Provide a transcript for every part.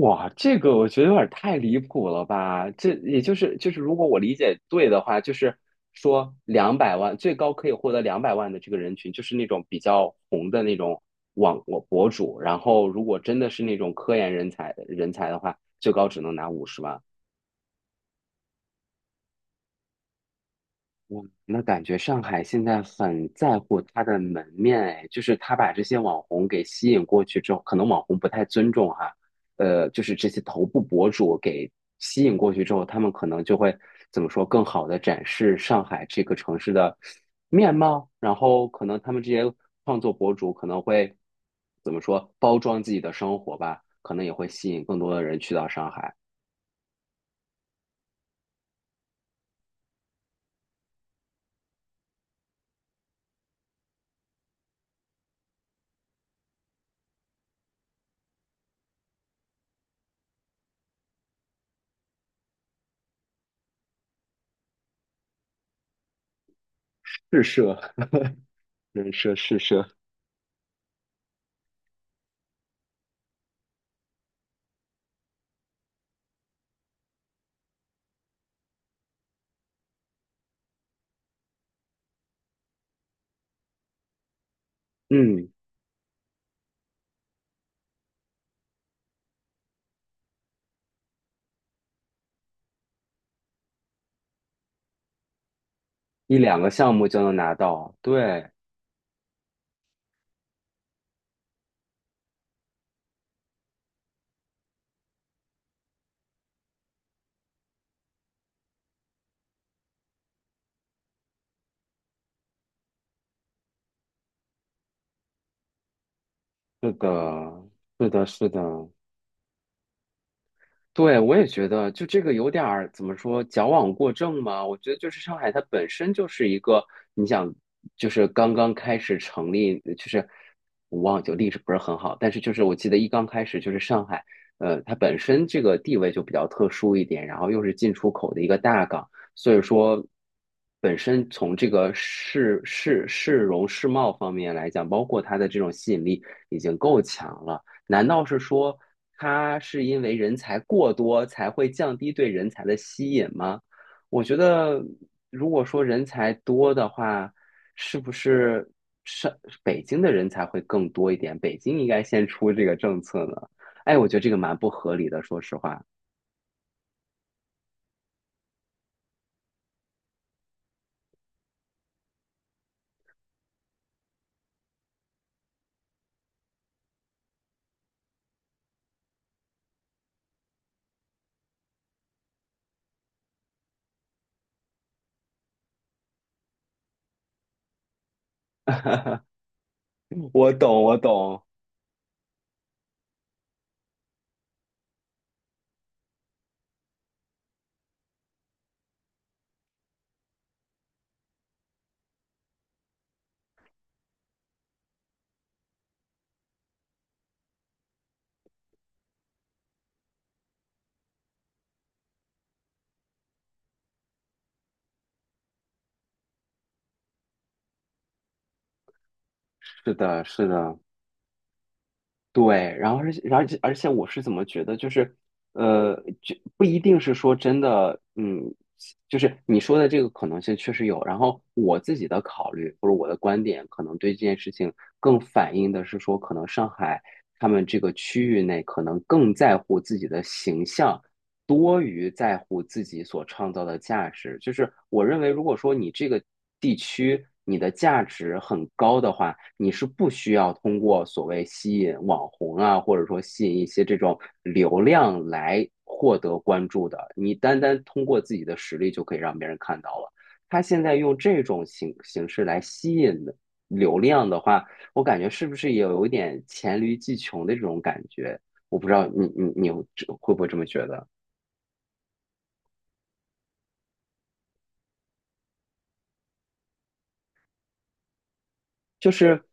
哇，这个我觉得有点太离谱了吧？这也就是，如果我理解对的话，就是说两百万最高可以获得两百万的这个人群，就是那种比较红的那种网我博主。然后，如果真的是那种科研人才的话，最高只能拿50万。哇，那感觉上海现在很在乎它的门面，哎，就是他把这些网红给吸引过去之后，可能网红不太尊重哈，就是这些头部博主给吸引过去之后，他们可能就会怎么说，更好的展示上海这个城市的面貌，然后可能他们这些创作博主可能会怎么说，包装自己的生活吧，可能也会吸引更多的人去到上海，是奢，人奢是奢，嗯。一两个项目就能拿到。对，是的，是的，是的，对，我也觉得，就这个有点儿怎么说，矫枉过正嘛。我觉得就是上海，它本身就是一个，你想，就是刚刚开始成立，就是我忘记历史不是很好，但是就是我记得一刚开始就是上海，它本身这个地位就比较特殊一点，然后又是进出口的一个大港，所以说本身从这个市容市貌方面来讲，包括它的这种吸引力已经够强了。难道是说它是因为人才过多才会降低对人才的吸引吗？我觉得，如果说人才多的话，是不是上北京的人才会更多一点？北京应该先出这个政策呢？哎，我觉得这个蛮不合理的，说实话。嗯我懂，我懂。是的，是的。对，然后而且，我是怎么觉得，就是，呃，就不一定是说真的，就是你说的这个可能性确实有。然后我自己的考虑或者我的观点，可能对这件事情更反映的是说，可能上海他们这个区域内可能更在乎自己的形象，多于在乎自己所创造的价值。就是我认为，如果说你这个地区你的价值很高的话，你是不需要通过所谓吸引网红啊，或者说吸引一些这种流量来获得关注的。你单单通过自己的实力就可以让别人看到了。他现在用这种形式来吸引流量的话，我感觉是不是也有一点黔驴技穷的这种感觉？我不知道你会不会这么觉得？就是，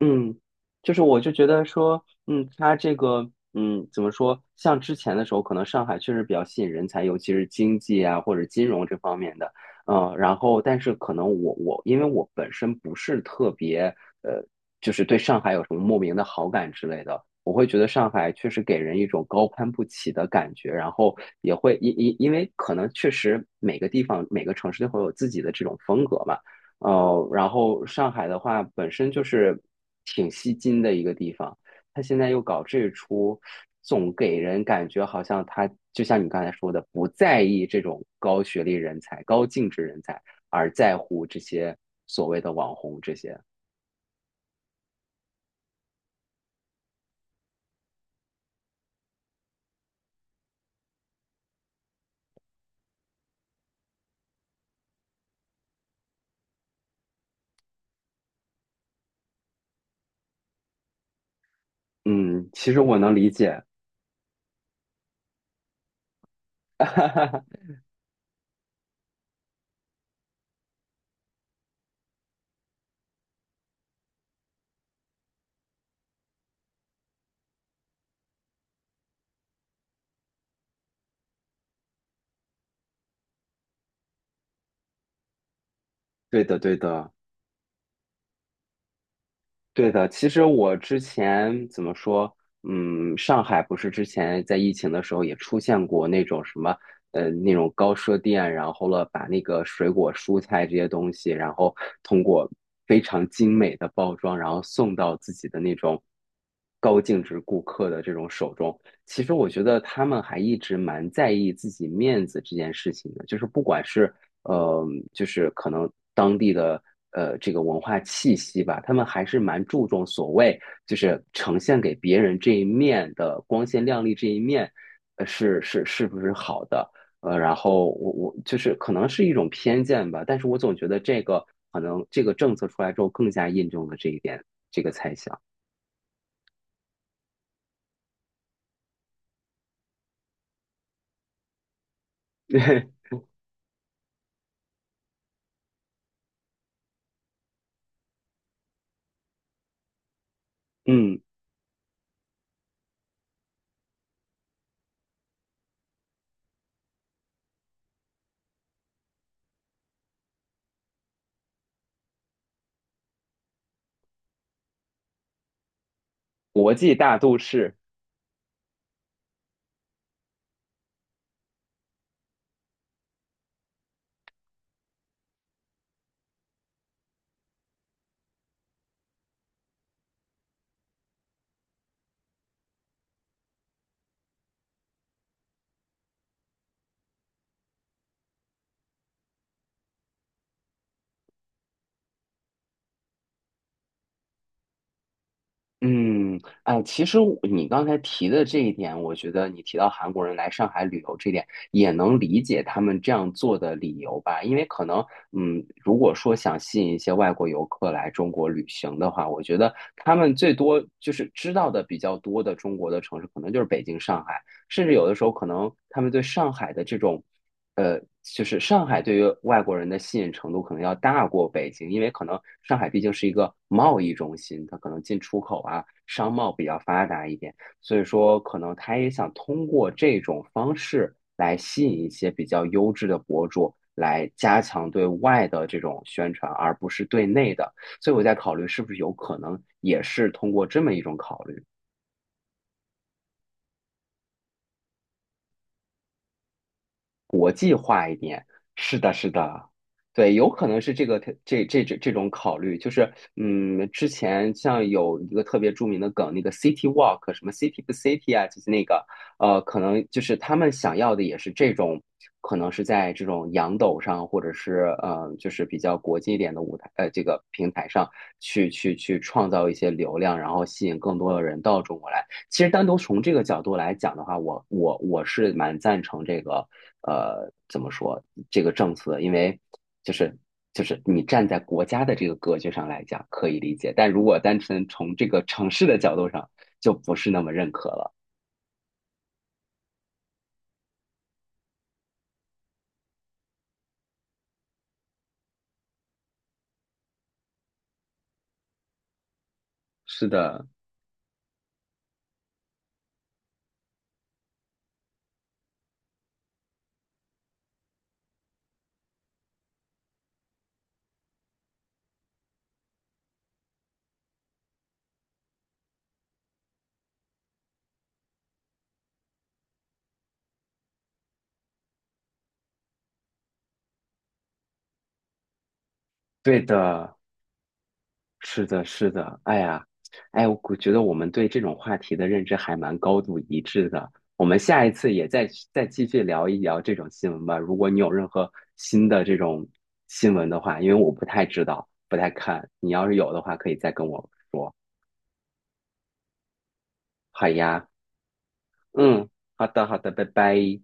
嗯，就是我就觉得说，它这个，怎么说？像之前的时候，可能上海确实比较吸引人才，尤其是经济啊或者金融这方面的，然后但是可能我因为我本身不是特别，呃，就是对上海有什么莫名的好感之类的。我会觉得上海确实给人一种高攀不起的感觉，然后也会因为可能确实每个地方每个城市都会有自己的这种风格嘛，然后上海的话本身就是挺吸金的一个地方，他现在又搞这出，总给人感觉好像他就像你刚才说的，不在意这种高学历人才、高净值人才，而在乎这些所谓的网红这些。嗯，其实我能理解。对的，对的。对的，其实我之前怎么说，上海不是之前在疫情的时候也出现过那种什么，那种高奢店，然后了把那个水果、蔬菜这些东西，然后通过非常精美的包装，然后送到自己的那种高净值顾客的这种手中。其实我觉得他们还一直蛮在意自己面子这件事情的，就是不管是呃，就是可能当地的这个文化气息吧，他们还是蛮注重所谓就是呈现给别人这一面的光鲜亮丽这一面，是不是好的？然后我就是可能是一种偏见吧，但是我总觉得这个可能这个政策出来之后更加印证了这一点，这个猜想。嗯，国际大都市。嗯，哎，其实我你刚才提的这一点，我觉得你提到韩国人来上海旅游这点，也能理解他们这样做的理由吧？因为可能，如果说想吸引一些外国游客来中国旅行的话，我觉得他们最多就是知道的比较多的中国的城市，可能就是北京、上海，甚至有的时候可能他们对上海的这种。就是上海对于外国人的吸引程度可能要大过北京，因为可能上海毕竟是一个贸易中心，它可能进出口啊、商贸比较发达一点，所以说可能他也想通过这种方式来吸引一些比较优质的博主，来加强对外的这种宣传，而不是对内的。所以我在考虑是不是有可能也是通过这么一种考虑。是的，是的，对，有可能是这个这种考虑，就是之前像有一个特别著名的梗，那个 City Walk，什么 City 不 City 啊，就是那个可能就是他们想要的也是这种，可能是在这种洋抖上，或者是就是比较国际一点的舞台，这个平台上去创造一些流量，然后吸引更多的人到中国来。其实单独从这个角度来讲的话，我是蛮赞成这个怎么说这个政策因为就是就是你站在国家的这个格局上来讲可以理解，但如果单纯从这个城市的角度上，就不是那么认可了。是的，对的。是的，是的，哎呀，哎，我觉得我们对这种话题的认知还蛮高度一致的。我们下一次也再去再继续聊一聊这种新闻吧。如果你有任何新的这种新闻的话，因为我不太知道，不太看，你要是有的话，可以再跟我说。好呀，嗯，好的，好的，拜拜。